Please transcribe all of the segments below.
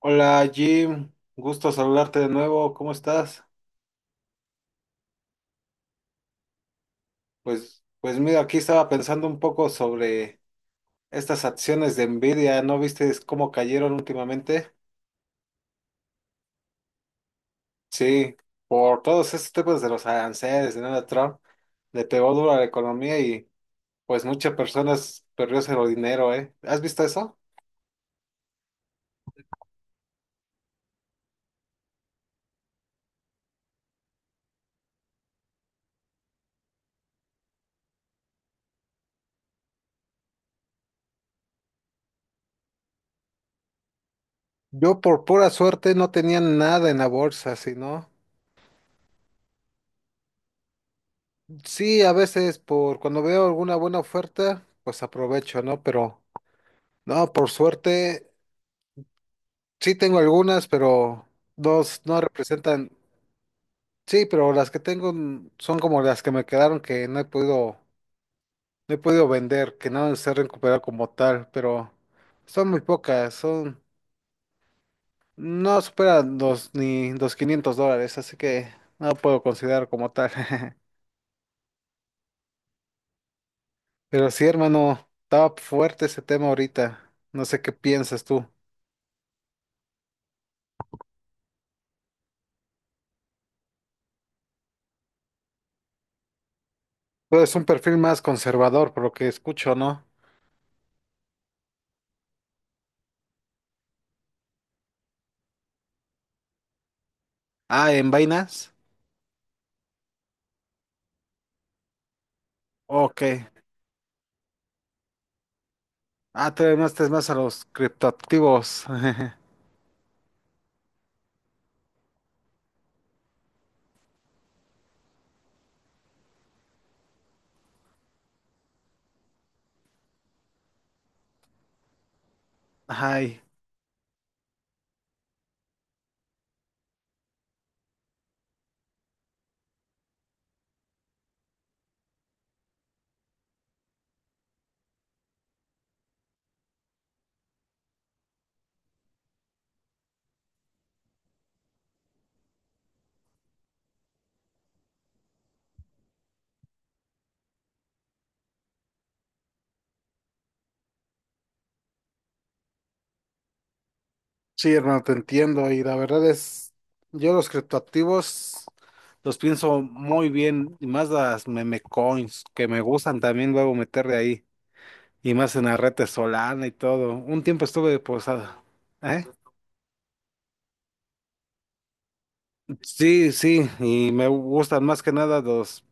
Hola Jim, gusto saludarte de nuevo, ¿cómo estás? Pues mira, aquí estaba pensando un poco sobre estas acciones de Nvidia, ¿no viste cómo cayeron últimamente? Sí, por todos estos temas de los aranceles, ¿no? De Donald Trump, le pegó duro a la economía y pues muchas personas perdió cero dinero, ¿eh? ¿Has visto eso? Yo por pura suerte no tenía nada en la bolsa, sino sí, a veces por cuando veo alguna buena oferta, pues aprovecho, ¿no? Pero no, por suerte, sí tengo algunas, pero dos no representan. Sí, pero las que tengo son como las que me quedaron que no he podido, no he podido vender, que no se han recuperado como tal, pero son muy pocas, son, no superan los ni los $500, así que no puedo considerar como tal. Pero sí, hermano, estaba fuerte ese tema ahorita. No sé qué piensas tú. Tú eres un perfil más conservador, por lo que escucho, ¿no? Ah, en vainas. Ok. Ah, todavía no estés más a los criptoactivos. Ay, sí, hermano, te entiendo. Y la verdad es, yo los criptoactivos los pienso muy bien, y más las meme coins, que me gustan también luego meterle ahí. Y más en la red de Solana y todo. Un tiempo estuve posada. ¿Eh? Sí, sí, y me gustan más que nada los.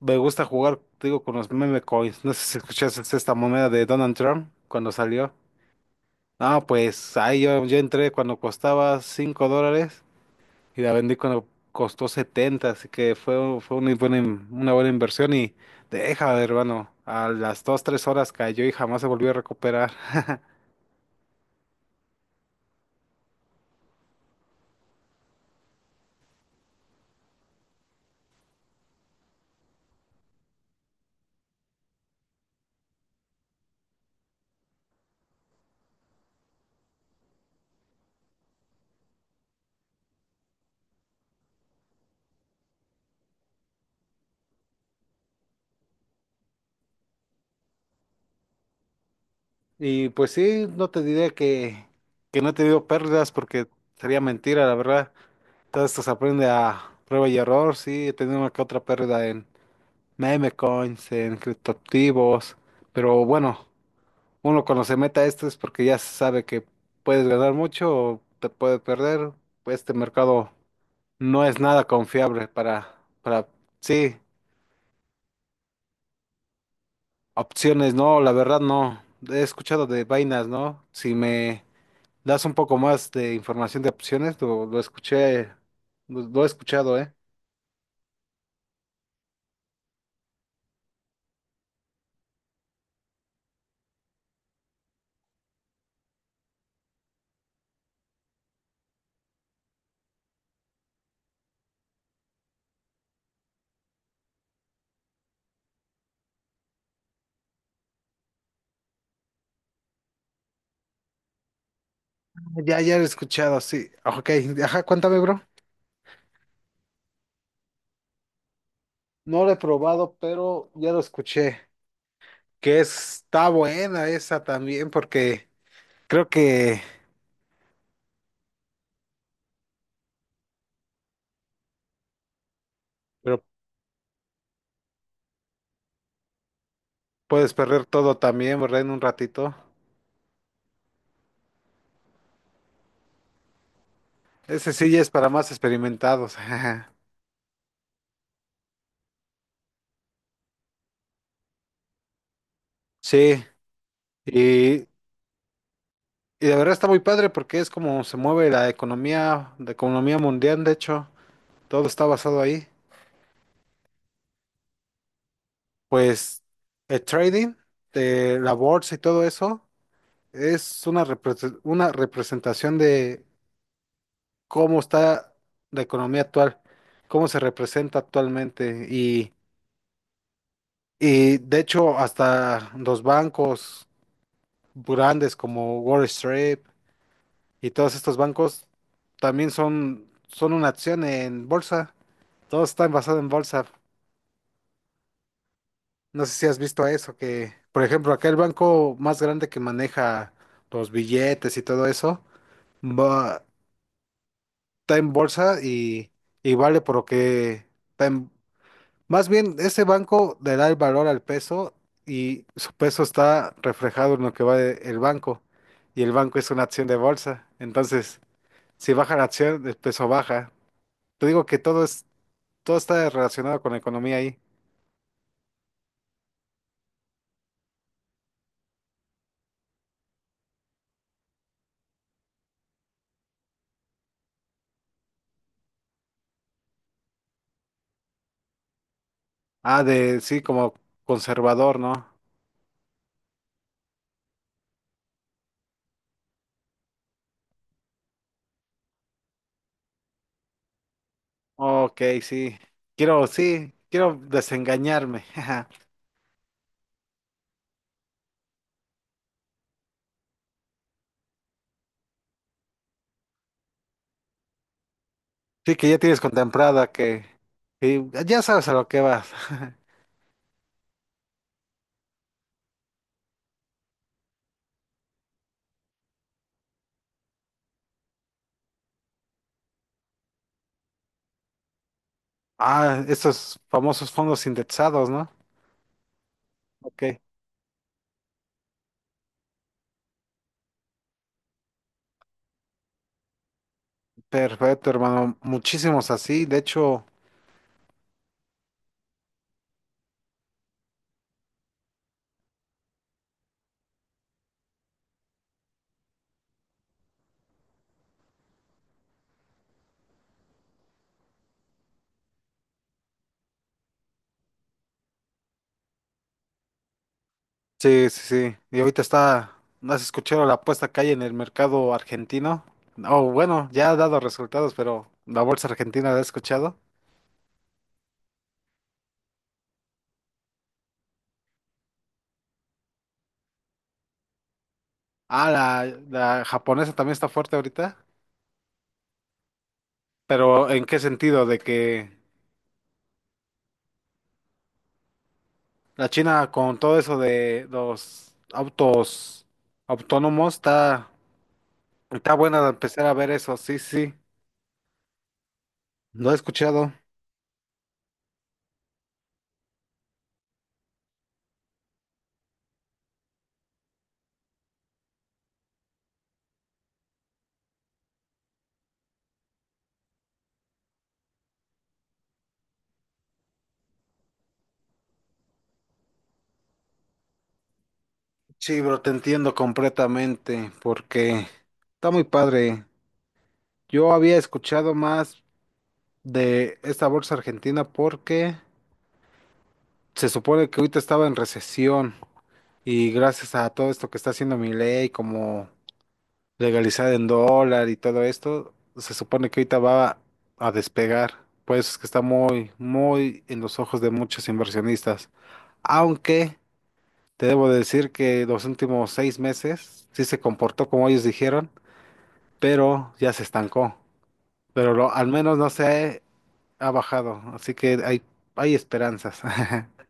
Me gusta jugar, te digo, con los meme coins. ¿No sé si escuchaste esta moneda de Donald Trump cuando salió? No, pues ahí yo entré cuando costaba $5 y la vendí cuando costó 70, así que fue, fue una buena, una buena inversión y deja, de hermano, a las 2 3 horas cayó y jamás se volvió a recuperar. Y pues sí, no te diré que no he tenido pérdidas porque sería mentira, la verdad. Todo esto se aprende a prueba y error, sí, he tenido una que otra pérdida en meme coins, en criptoactivos, pero bueno. Uno cuando se meta a esto es porque ya sabe que puedes ganar mucho o te puede perder. Pues este mercado no es nada confiable para, sí, opciones, no, la verdad no. He escuchado de vainas, ¿no? Si me das un poco más de información de opciones, lo escuché, lo he escuchado, ¿eh? Ya, ya lo he escuchado, sí. Ok, ajá, cuéntame, bro. No lo he probado, pero ya lo escuché. Que está buena esa también, porque creo que... Pero puedes perder todo también, ¿verdad? En un ratito. Ese sí ya es para más experimentados. Sí, y la verdad está muy padre porque es como se mueve la economía mundial, de hecho, todo está basado ahí. Pues el trading, de la bolsa y todo eso, es una, una representación de cómo está la economía actual, cómo se representa actualmente. Y de hecho, hasta los bancos grandes como Wall Street y todos estos bancos también son, son una acción en bolsa. Todos están basados en bolsa. ¿No sé si has visto eso, que por ejemplo acá el banco más grande que maneja los billetes y todo eso, va, está en bolsa y vale por lo que está en-? Más bien, ese banco le da el valor al peso y su peso está reflejado en lo que va de- el banco. Y el banco es una acción de bolsa. Entonces, si baja la acción, el peso baja. Te digo que todo es, todo está relacionado con la economía ahí. Ah, de sí, como conservador, ¿no? Ok, sí. Quiero, sí, quiero desengañarme. Sí, que ya tienes contemplada que ya sabes a lo que vas. Ah, estos famosos fondos indexados, ¿no? Ok, perfecto, hermano. Muchísimos así. De hecho. Sí, sí, sí. Y ahorita está, ¿no has escuchado la apuesta que hay en el mercado argentino? Oh, bueno, ya ha dado resultados, pero la bolsa argentina la he escuchado. Ah, la japonesa también está fuerte ahorita. Pero ¿en qué sentido? De que la China con todo eso de los autos autónomos está buena de empezar a ver eso. Sí, sí, lo he escuchado. Sí, bro, te entiendo completamente porque está muy padre. Yo había escuchado más de esta bolsa argentina porque se supone que ahorita estaba en recesión y gracias a todo esto que está haciendo mi ley como legalizar en dólar y todo esto, se supone que ahorita va a despegar. Por eso es que está muy, muy en los ojos de muchos inversionistas. Aunque te debo decir que los últimos 6 meses sí se comportó como ellos dijeron, pero ya se estancó. Pero al menos no sé ha bajado, así que hay esperanzas.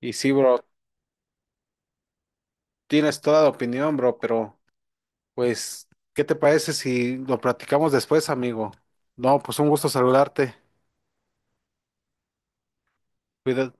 Y sí, bro, tienes toda la opinión, bro, pero pues, ¿qué te parece si lo platicamos después, amigo? No, pues un gusto saludarte. Cuida.